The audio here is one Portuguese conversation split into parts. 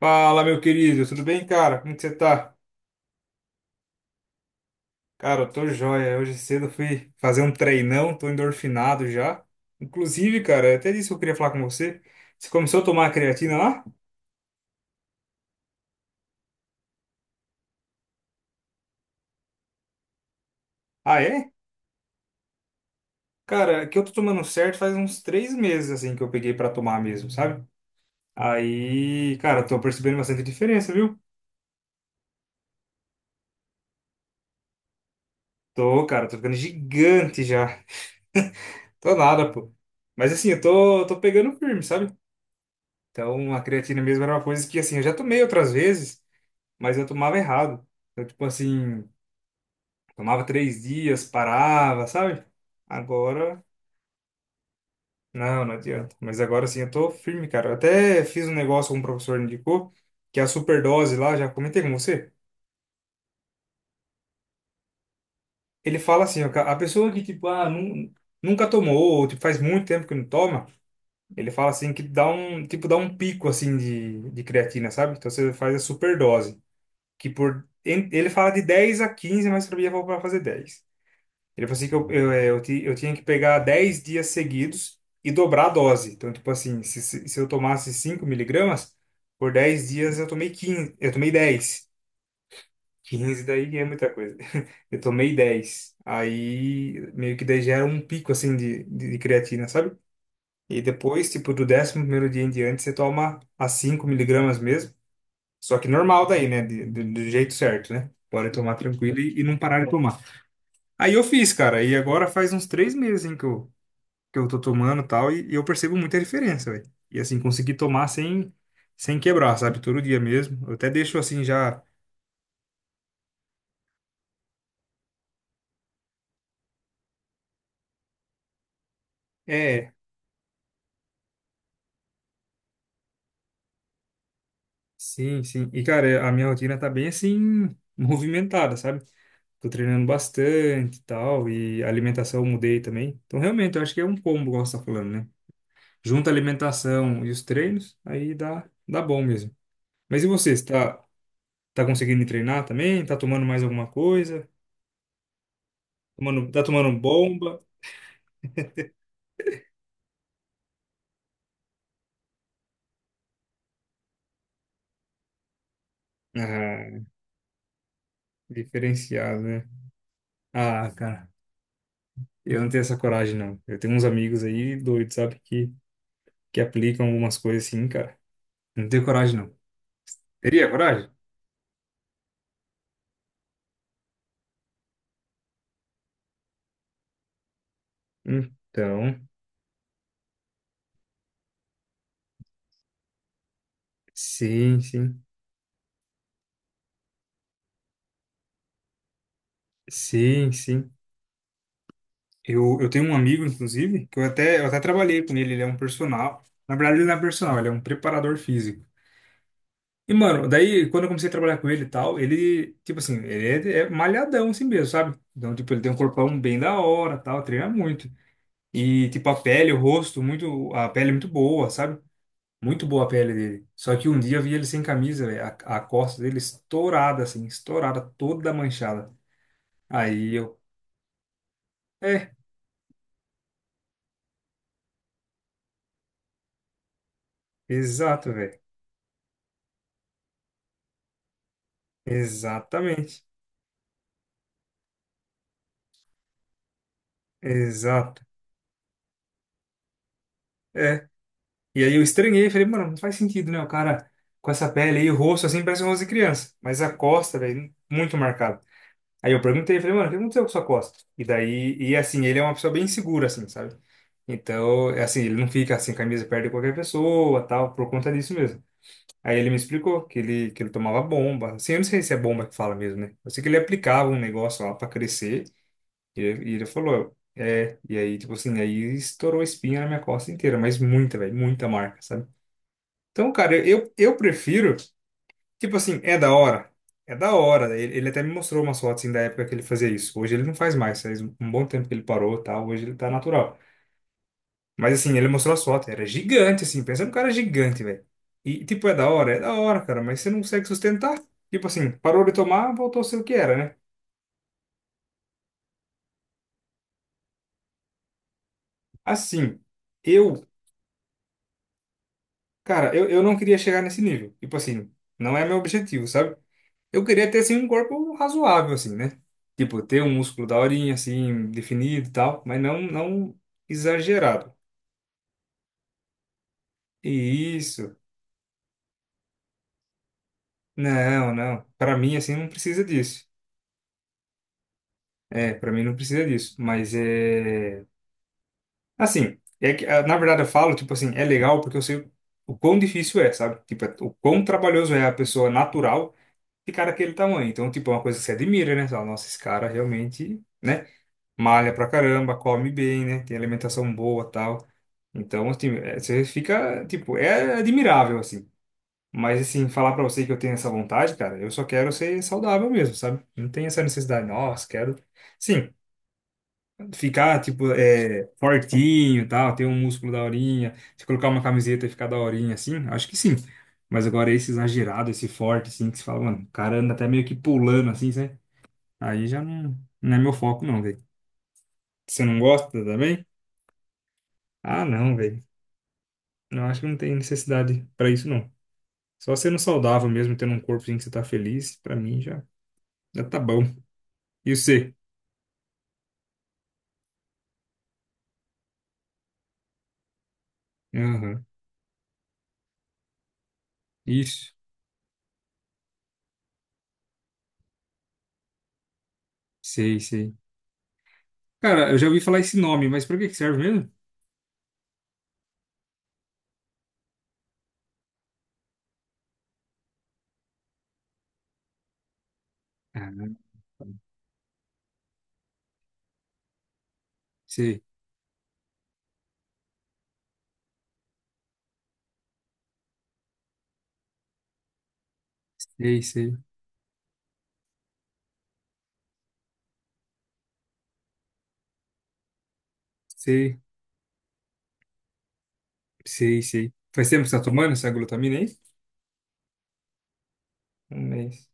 Fala, meu querido, tudo bem, cara? Como que você tá? Cara, eu tô joia. Hoje cedo eu fui fazer um treinão, tô endorfinado já. Inclusive, cara, até disso eu queria falar com você. Você começou a tomar a creatina lá? Ah, é? Cara, é que eu tô tomando certo faz uns 3 meses, assim, que eu peguei pra tomar mesmo, sabe? Aí, cara, eu tô percebendo bastante diferença, viu? Tô, cara, tô ficando gigante já. Tô nada, pô. Mas assim, eu tô pegando firme, sabe? Então, a creatina mesmo era uma coisa que, assim, eu já tomei outras vezes, mas eu tomava errado. Eu, tipo assim, tomava três dias, parava, sabe? Agora, não adianta. Mas agora sim, eu tô firme, cara. Eu até fiz um negócio que um professor indicou, que é a superdose lá, já comentei com você. Ele fala assim, ó, a pessoa que, tipo, nunca tomou, ou, tipo, faz muito tempo que não toma, ele fala assim que dá um, tipo, dá um pico, assim, de creatina, sabe? Então você faz a superdose, Ele fala de 10 a 15, mas pra mim eu vou pra fazer 10. Ele falou assim que eu, é, eu, ti- eu tinha que pegar 10 dias seguidos e dobrar a dose. Então, tipo assim, se eu tomasse 5 miligramas, por 10 dias eu tomei 15, eu tomei dez, 15 daí é muita coisa. Eu tomei dez. Aí, meio que daí gera um pico, assim, de creatina, sabe? E depois, tipo, do décimo primeiro dia em diante, você toma a 5 miligramas mesmo. Só que normal daí, né? Do jeito certo, né? Pode tomar tranquilo e não parar de tomar. Aí eu fiz, cara. E agora faz uns 3 meses, hein, que eu tô tomando e tal, e eu percebo muita diferença, velho. E assim, consegui tomar sem, sem quebrar, sabe? Todo dia mesmo. Eu até deixo assim já. É, sim, sim. E cara, a minha rotina tá bem assim, movimentada, sabe? Tô treinando bastante e tal, e a alimentação eu mudei também. Então, realmente, eu acho que é um combo, igual você tá falando, né? Junta a alimentação e os treinos, aí dá, dá bom mesmo. Mas e você, você tá, tá conseguindo treinar também? Tá tomando mais alguma coisa? Tomando, tá tomando bomba? Ah, diferenciado, né? Ah, cara, eu não tenho essa coragem, não. Eu tenho uns amigos aí doidos, sabe, que aplicam algumas coisas assim, cara. Não tenho coragem, não. Teria coragem? Então, sim, sim. Sim, sim. Eu tenho um amigo, inclusive, que eu até trabalhei com ele. Ele é um personal. Na verdade, ele não é personal, ele é um preparador físico. E, mano, daí, quando eu comecei a trabalhar com ele e tal, ele, tipo assim, ele é malhadão assim mesmo, sabe? Então, tipo, ele tem um corpão bem da hora, tal, treina muito. E, tipo, a pele, o rosto, muito, a pele é muito boa, sabe? Muito boa a pele dele. Só que um dia eu vi ele sem camisa, velho. A costa dele estourada, assim, estourada, toda manchada. Aí eu, é, exato, velho. Exatamente. Exato. É. E aí eu estranhei, falei, mano, não faz sentido, né? O cara com essa pele aí, o rosto, assim, parece um rosto de criança. Mas a costa, velho, muito marcada. Aí eu perguntei, falei, mano, o que aconteceu com sua costa? E daí, e assim, ele é uma pessoa bem segura, assim, sabe? Então, é assim, ele não fica assim, camisa perto de qualquer pessoa, tal, por conta disso mesmo. Aí ele me explicou que ele tomava bomba. Assim, eu não sei se é bomba que fala mesmo, né? Eu sei que ele aplicava um negócio lá pra crescer, e, e ele falou, é, e aí, tipo assim, aí estourou espinha na minha costa inteira, mas muita, velho, muita marca, sabe? Então, cara, eu prefiro. Tipo assim, é da hora. É da hora. Ele até me mostrou umas fotos assim, da época que ele fazia isso. Hoje ele não faz mais. Faz um bom tempo que ele parou, tá? Hoje ele tá natural. Mas assim, ele mostrou as fotos. Era gigante, assim. Pensa num cara gigante, velho. E tipo, é da hora? É da hora, cara. Mas você não consegue sustentar. Tipo assim, parou de tomar, voltou a ser o que era, né? Assim, eu, cara, eu não queria chegar nesse nível. Tipo assim, não é meu objetivo, sabe? Eu queria ter, assim, um corpo razoável, assim, né? Tipo, ter um músculo da horinha, assim, definido e tal, mas não exagerado. E isso. Não. Pra mim, assim, não precisa disso. É, pra mim não precisa disso. Mas é... Assim, é que, ah, na verdade eu falo, tipo assim, é legal porque eu sei o quão difícil é, sabe? O quão trabalhoso é a pessoa natural ficar daquele tamanho. Então, tipo, é uma coisa que você admira, né? Você fala, nossa, esse cara realmente, né? Malha pra caramba, come bem, né? Tem alimentação boa, tal. Então, assim, é, você fica, tipo, é admirável, assim. Mas, assim, falar pra você que eu tenho essa vontade, cara, eu só quero ser saudável mesmo, sabe? Não tem essa necessidade, nossa, quero. Sim, ficar, tipo, é, fortinho e tal, ter um músculo da horinha, se colocar uma camiseta e ficar da horinha, assim, acho que sim. Mas agora esse exagerado, esse forte, assim, que você fala, mano, o cara anda até meio que pulando, assim, sabe? Aí já não, não é meu foco, não, velho. Você não gosta também? Ah, não, velho. Não acho que não tem necessidade pra isso, não. Só sendo saudável mesmo, tendo um corpo em que você tá feliz, pra mim já, já tá bom. E você? Aham. Isso. Sei, sei. Cara, eu já ouvi falar esse nome, mas pra que que serve mesmo? Ah, sei, sei, sei, sei, sei, sei. Faz tempo que você tá tomando essa glutamina aí? 1 mês.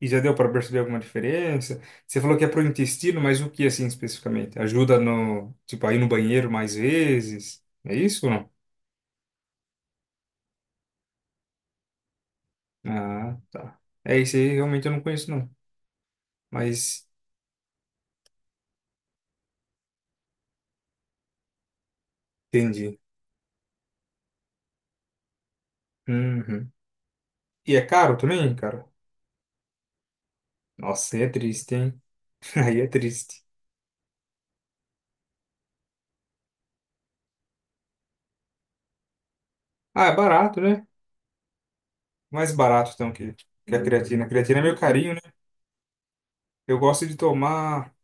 E já deu pra perceber alguma diferença? Você falou que é pro intestino, mas o que assim especificamente? Ajuda no, tipo, a ir no banheiro mais vezes? É isso ou não? Ah, tá. É isso aí, realmente eu não conheço não. Mas entendi. Uhum. E é caro também, cara? Nossa, aí é triste, hein? Aí é triste. Ah, é barato, né? Mais barato então que a creatina. A creatina é meio carinho, né? Eu gosto de tomar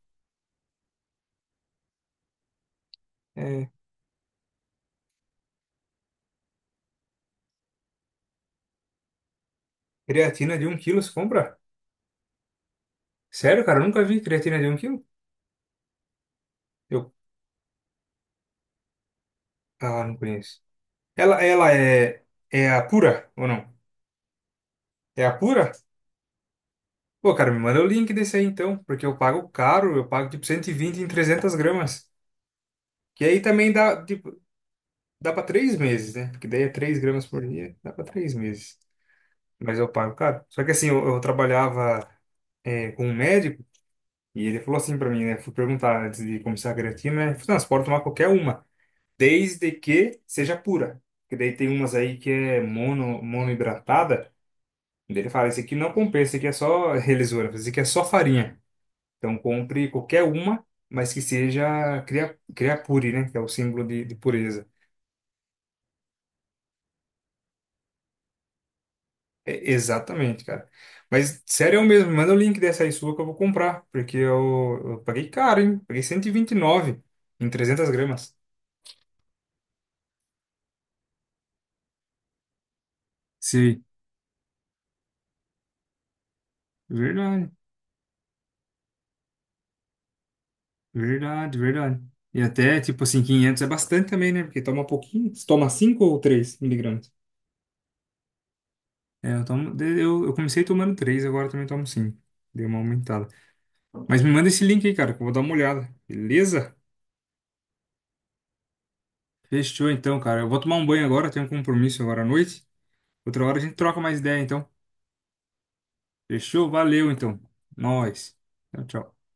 é, creatina de um quilo, você compra? Sério, cara? Eu nunca vi creatina de um quilo? Eu... Ah, não conheço. Ela, ela é, é a pura ou não? É a pura? Pô, cara, me manda o link desse aí então, porque eu pago caro, eu pago tipo 120 em 300 gramas. Que aí também dá, tipo, dá pra 3 meses, né? Porque daí é 3 gramas por dia, dá pra 3 meses. Mas eu pago caro. Só que assim, eu trabalhava é, com um médico e ele falou assim pra mim, né? Fui perguntar antes de começar a creatina, né? Ele falou, assim, não, você pode tomar qualquer uma, desde que seja pura. Porque daí tem umas aí que é mono, monoidratada. Daí ele fala, esse aqui não compensa, esse aqui é só relisura, esse aqui é só farinha. Então compre qualquer uma, mas que seja cria, criapure, né? Que é o símbolo de pureza. É, exatamente, cara. Mas sério eu mesmo, manda o link dessa aí sua que eu vou comprar, porque eu paguei caro, hein? Paguei cento e vinte e nove em 300 gramas. Sim. Verdade, verdade, verdade. E até, tipo assim, 500 é bastante também, né? Porque toma pouquinho. Você toma 5 ou 3 miligramas? É, eu tomo, de- eu comecei tomando três, agora também tomo cinco. Deu uma aumentada. Mas me manda esse link aí, cara, que eu vou dar uma olhada. Beleza? Fechou então, cara. Eu vou tomar um banho agora, eu tenho um compromisso agora à noite. Outra hora a gente troca mais ideia, então. Fechou? Valeu, então. Nós. Tchau, tchau.